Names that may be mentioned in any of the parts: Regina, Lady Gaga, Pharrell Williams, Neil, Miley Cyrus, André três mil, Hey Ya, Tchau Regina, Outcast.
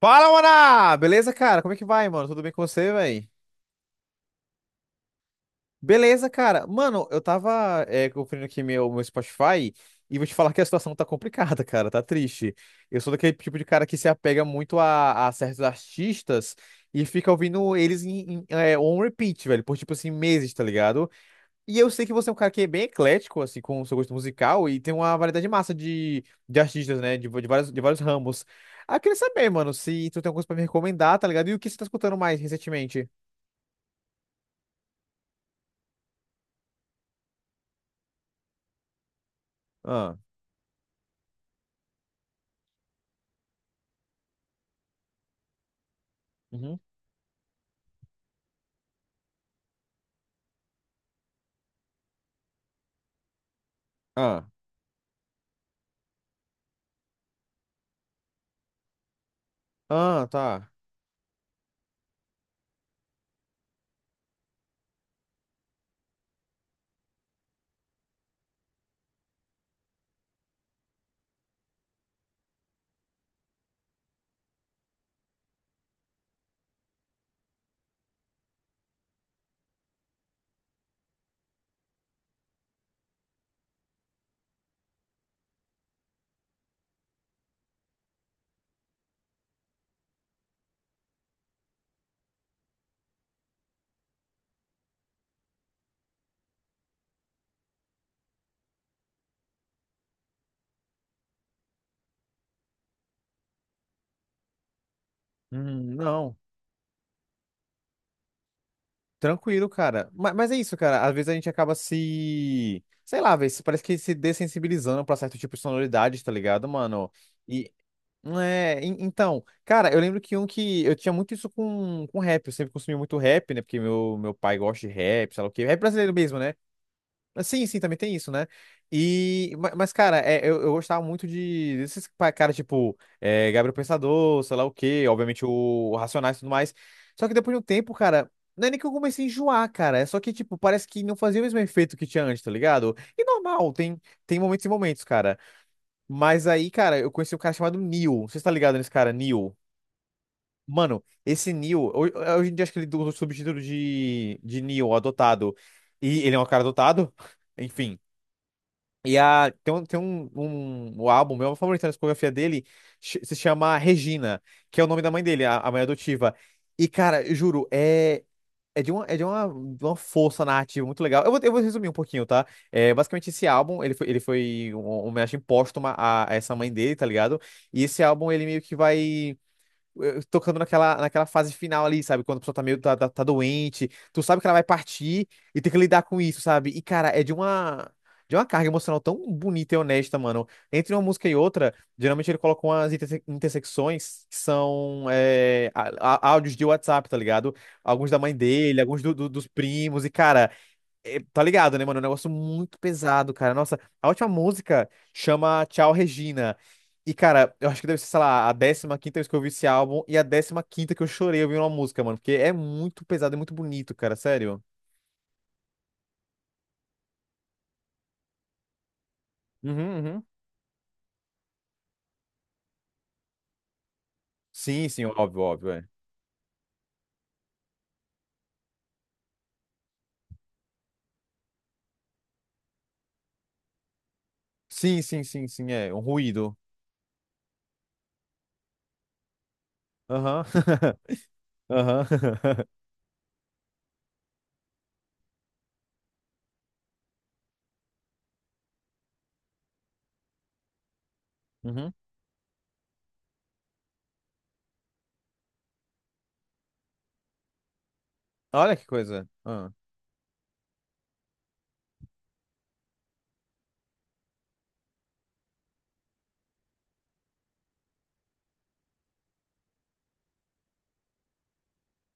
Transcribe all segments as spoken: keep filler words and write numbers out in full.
Fala, Maná! Beleza, cara? Como é que vai, mano? Tudo bem com você, véi? Beleza, cara. Mano, eu tava é, conferindo aqui meu, meu Spotify e vou te falar que a situação tá complicada, cara. Tá triste. Eu sou daquele tipo de cara que se apega muito a, a certos artistas e fica ouvindo eles em, em, é, on repeat, velho, por tipo assim, meses, tá ligado? E eu sei que você é um cara que é bem eclético, assim, com o seu gosto musical, e tem uma variedade massa de, de artistas, né? De, de, vários, de vários ramos. Ah, queria saber, mano, se tu tem alguma coisa pra me recomendar, tá ligado? E o que você tá escutando mais recentemente? Ah, uhum. Ah, ah, tá. Hum, não. Tranquilo, cara. Mas, mas é isso, cara. Às vezes a gente acaba se. Sei lá, velho. se- Parece que se dessensibilizando pra certo tipo de sonoridade, tá ligado, mano? E, É, en- então, cara, eu lembro que um que eu tinha muito isso com, com rap, eu sempre consumi muito rap, né? Porque meu, meu pai gosta de rap, sei lá o quê, rap brasileiro mesmo, né? Mas sim, sim, também tem isso, né? E, ma- mas, cara, é, eu, eu gostava muito de desses pa- caras tipo é, Gabriel Pensador, sei lá o quê, obviamente o, o Racionais e tudo mais. Só que depois de um tempo, cara, não é nem que eu comecei a enjoar, cara, é só que, tipo, parece que não fazia o mesmo efeito que tinha antes, tá ligado? E normal, tem, tem momentos e momentos, cara. Mas aí, cara, eu conheci um cara chamado Neil. Você tá ligado nesse cara, Neil? Mano, esse Neil, hoje, hoje em dia acho que ele usa o subtítulo de, de Neil, adotado. E ele é um cara adotado? Enfim. E a, tem um, tem um, um, um álbum, meu favorito na discografia dele, ch- se chama Regina, que é o nome da mãe dele, a, a mãe adotiva. E, cara, eu juro, é, é de uma, é de uma, de uma força narrativa muito legal. Eu vou, eu vou resumir um pouquinho, tá? É, basicamente, esse álbum, ele foi, ele foi uma homenagem póstuma a, a essa mãe dele, tá ligado? E esse álbum, ele meio que vai eh, tocando naquela, naquela fase final ali, sabe? Quando a pessoa tá meio tá, tá, tá doente, tu sabe que ela vai partir e tem que lidar com isso, sabe? E, cara, é de uma. De uma carga emocional tão bonita e honesta, mano. Entre uma música e outra, geralmente ele coloca umas interse- intersecções que são eh, á- á- áudios de WhatsApp, tá ligado? Alguns da mãe dele, alguns do- do- dos primos. E, cara, é, tá ligado, né, mano? É um negócio muito pesado, cara. Nossa, a última música chama Tchau Regina. E, cara, eu acho que deve ser, sei lá, a décima quinta vez que eu ouvi esse álbum e a décima quinta que eu chorei ouvindo uma música, mano. Porque é muito pesado e muito bonito, cara, sério. Uhum, uhum. Sim, sim, óbvio, óbvio, é. Sim, sim, sim, sim, é. Um ruído. Aham. Aham. Uhum. Olha que coisa. Ah.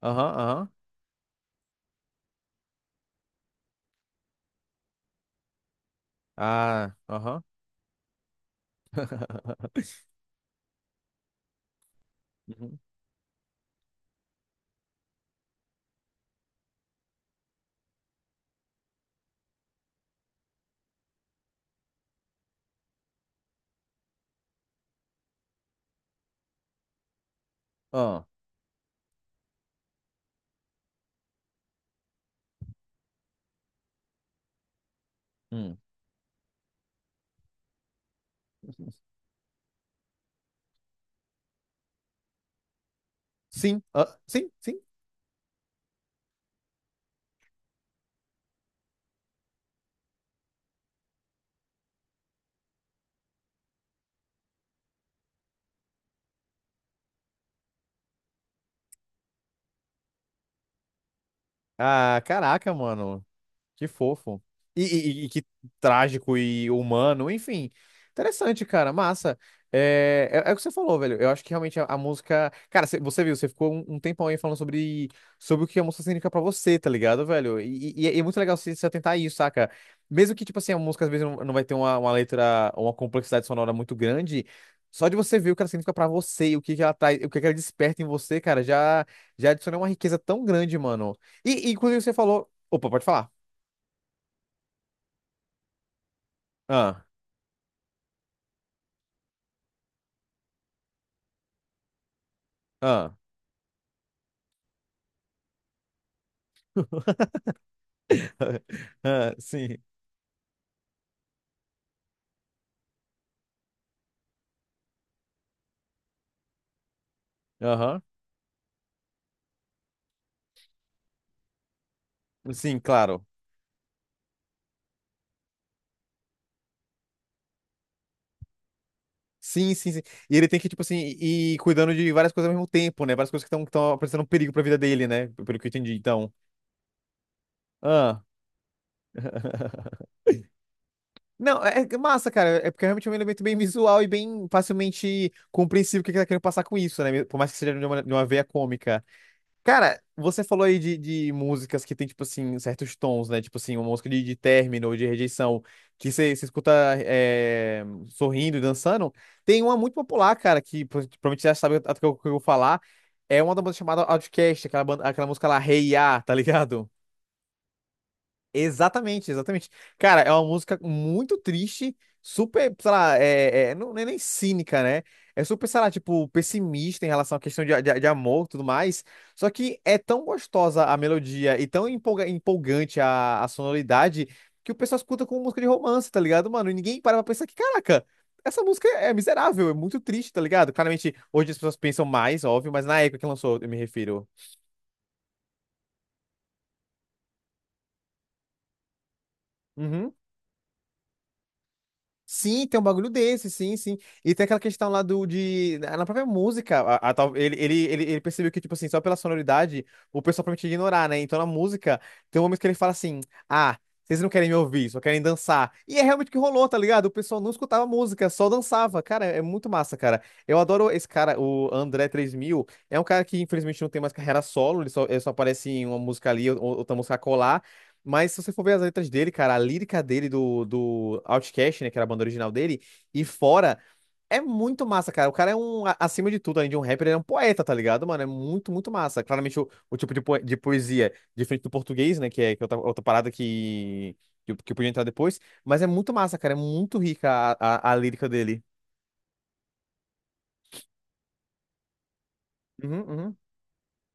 Aham, aham. Ah, aham. Uhum. Ah. Hum. Sim, ah, sim, sim. Ah, caraca, mano. Que fofo. E, e- e que trágico e humano, enfim. Interessante, cara, massa. É, é, é o que você falou, velho. Eu acho que realmente a, a música. Cara, cê- você viu, você ficou um, um tempão aí falando sobre, sobre o que a música significa pra você, tá ligado, velho? E, e- e é muito legal você se atentar a isso, saca? Mesmo que, tipo assim, a música às vezes não, não vai ter uma, uma letra, uma complexidade sonora muito grande, só de você ver o que ela significa pra você e o que, que ela traz, o que, que ela desperta em você, cara, já, já adiciona uma riqueza tão grande, mano. E, e inclusive, você falou. Opa, pode falar. Ah, ah. Ah, sim. Aham. Sim, claro. Sim, sim, sim. E ele tem que, tipo assim, ir cuidando de várias coisas ao mesmo tempo, né? Várias coisas que estão apresentando um perigo pra vida dele, né? Pelo que eu entendi, então. Ah. Não, é é massa, cara. É porque realmente é realmente um elemento bem visual e bem facilmente compreensível o que ele tá querendo passar com isso, né? Por mais que seja de uma, de uma veia cômica. Cara, você falou aí de, de músicas que tem, tipo assim, certos tons, né? Tipo assim, uma música de, de término, ou de rejeição, que você você escuta é, sorrindo e dançando. Tem uma muito popular, cara, que pro- provavelmente você já sabe o que eu, o que eu vou falar. É uma da banda chamada Outcast, aquela, banda- aquela música lá, Hey Ya, tá ligado? Exatamente, exatamente. Cara, é uma música muito triste, super, sei lá, é, é, não não é nem cínica, né? É super, sei lá, tipo, pessimista em relação à questão de, de, de amor e tudo mais. Só que é tão gostosa a melodia e tão empolga- empolgante a, a sonoridade que o pessoal escuta como música de romance, tá ligado, mano? E ninguém para pra pensar que, caraca, essa música é é miserável, é muito triste, tá ligado? Claramente, hoje as pessoas pensam mais, óbvio, mas na época que lançou, eu me refiro. Uhum. Sim, tem um bagulho desse, sim, sim. E tem aquela questão lá do de. Na própria música, a, a tal- ele, ele, ele, ele percebeu que, tipo assim, só pela sonoridade, o pessoal promete ignorar, né? Então na música, tem um momento que ele fala assim: ah, vocês não querem me ouvir, só querem dançar. E é realmente o que rolou, tá ligado? O pessoal não escutava música, só dançava. Cara, é muito massa, cara. Eu adoro esse cara, o André três mil. É um cara que, infelizmente, não tem mais carreira solo, ele só, ele só aparece em uma música ali, ou outra música colar, mas se você for ver as letras dele, cara, a lírica dele do, do Outcast, né, que era a banda original dele, e fora, é muito massa, cara. O cara é um, a- acima de tudo, além de um rapper, ele é um poeta, tá ligado, mano? É muito, muito massa. Claramente o, o tipo de, poe- de poesia diferente do português, né, que é, que é outra, outra parada que, que, eu que eu podia entrar depois, mas é muito massa, cara. É muito rica a, a, a lírica dele. Uhum, uhum.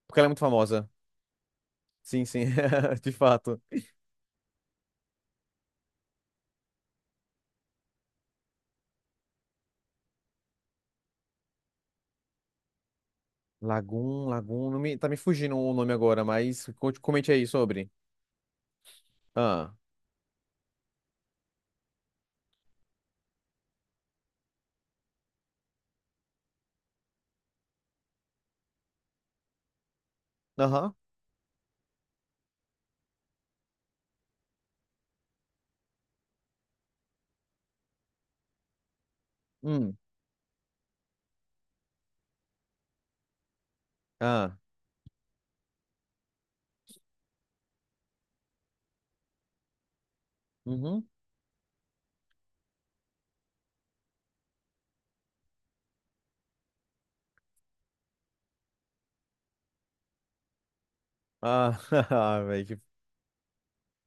Porque ela é muito famosa. Sim, sim, de fato. Lagoon, Lagoon, não me, tá me fugindo o nome agora, mas conte- comente aí sobre. Ah. Aham. Hum. Ah. Uhum. Ah, ah, velho. que-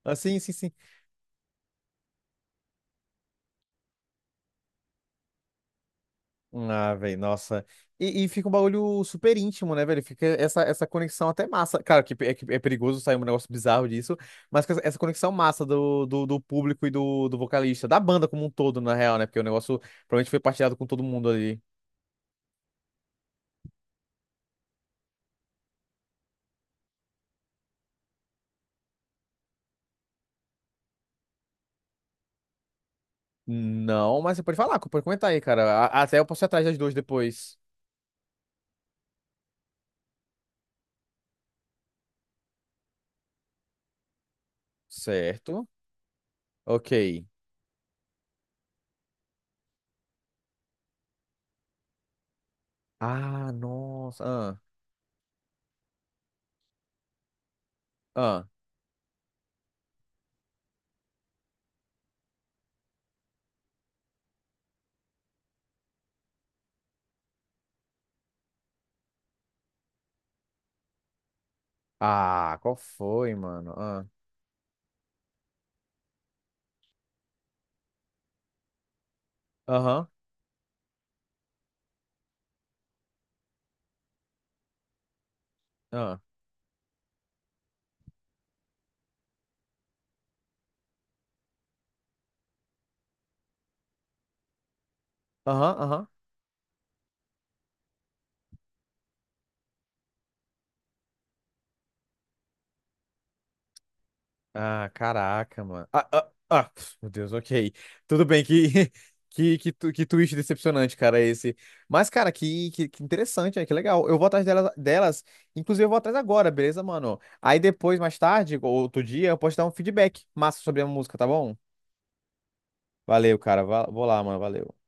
Ah, sim, sim, sim. Ah, velho, nossa. E, e fica um bagulho super íntimo, né, velho? Fica essa, essa conexão até massa. Claro que pe- é, que é perigoso sair um negócio bizarro disso, mas com essa essa conexão massa do, do, do público e do, do vocalista, da banda como um todo, na real, né? Porque o negócio provavelmente foi partilhado com todo mundo ali. Não, mas você pode falar, pode comentar aí, cara. A- até eu posso ir atrás das duas depois. Certo. Ok. Ah, nossa. Ah, ah. Ah, qual foi, mano? Ah, aham, ah, aham, aham. Ah, caraca, mano. Ah, ah, ah, pf, meu Deus, ok. Tudo bem, que, que, que, tu- que twist decepcionante, cara, esse. Mas, cara, que, que, que interessante, né? Que legal. Eu vou atrás delas, delas, inclusive eu vou atrás agora, beleza, mano? Aí depois, mais tarde, ou outro dia, eu posso dar um feedback massa sobre a música, tá bom? Valeu, cara. va- Vou lá, mano. Valeu.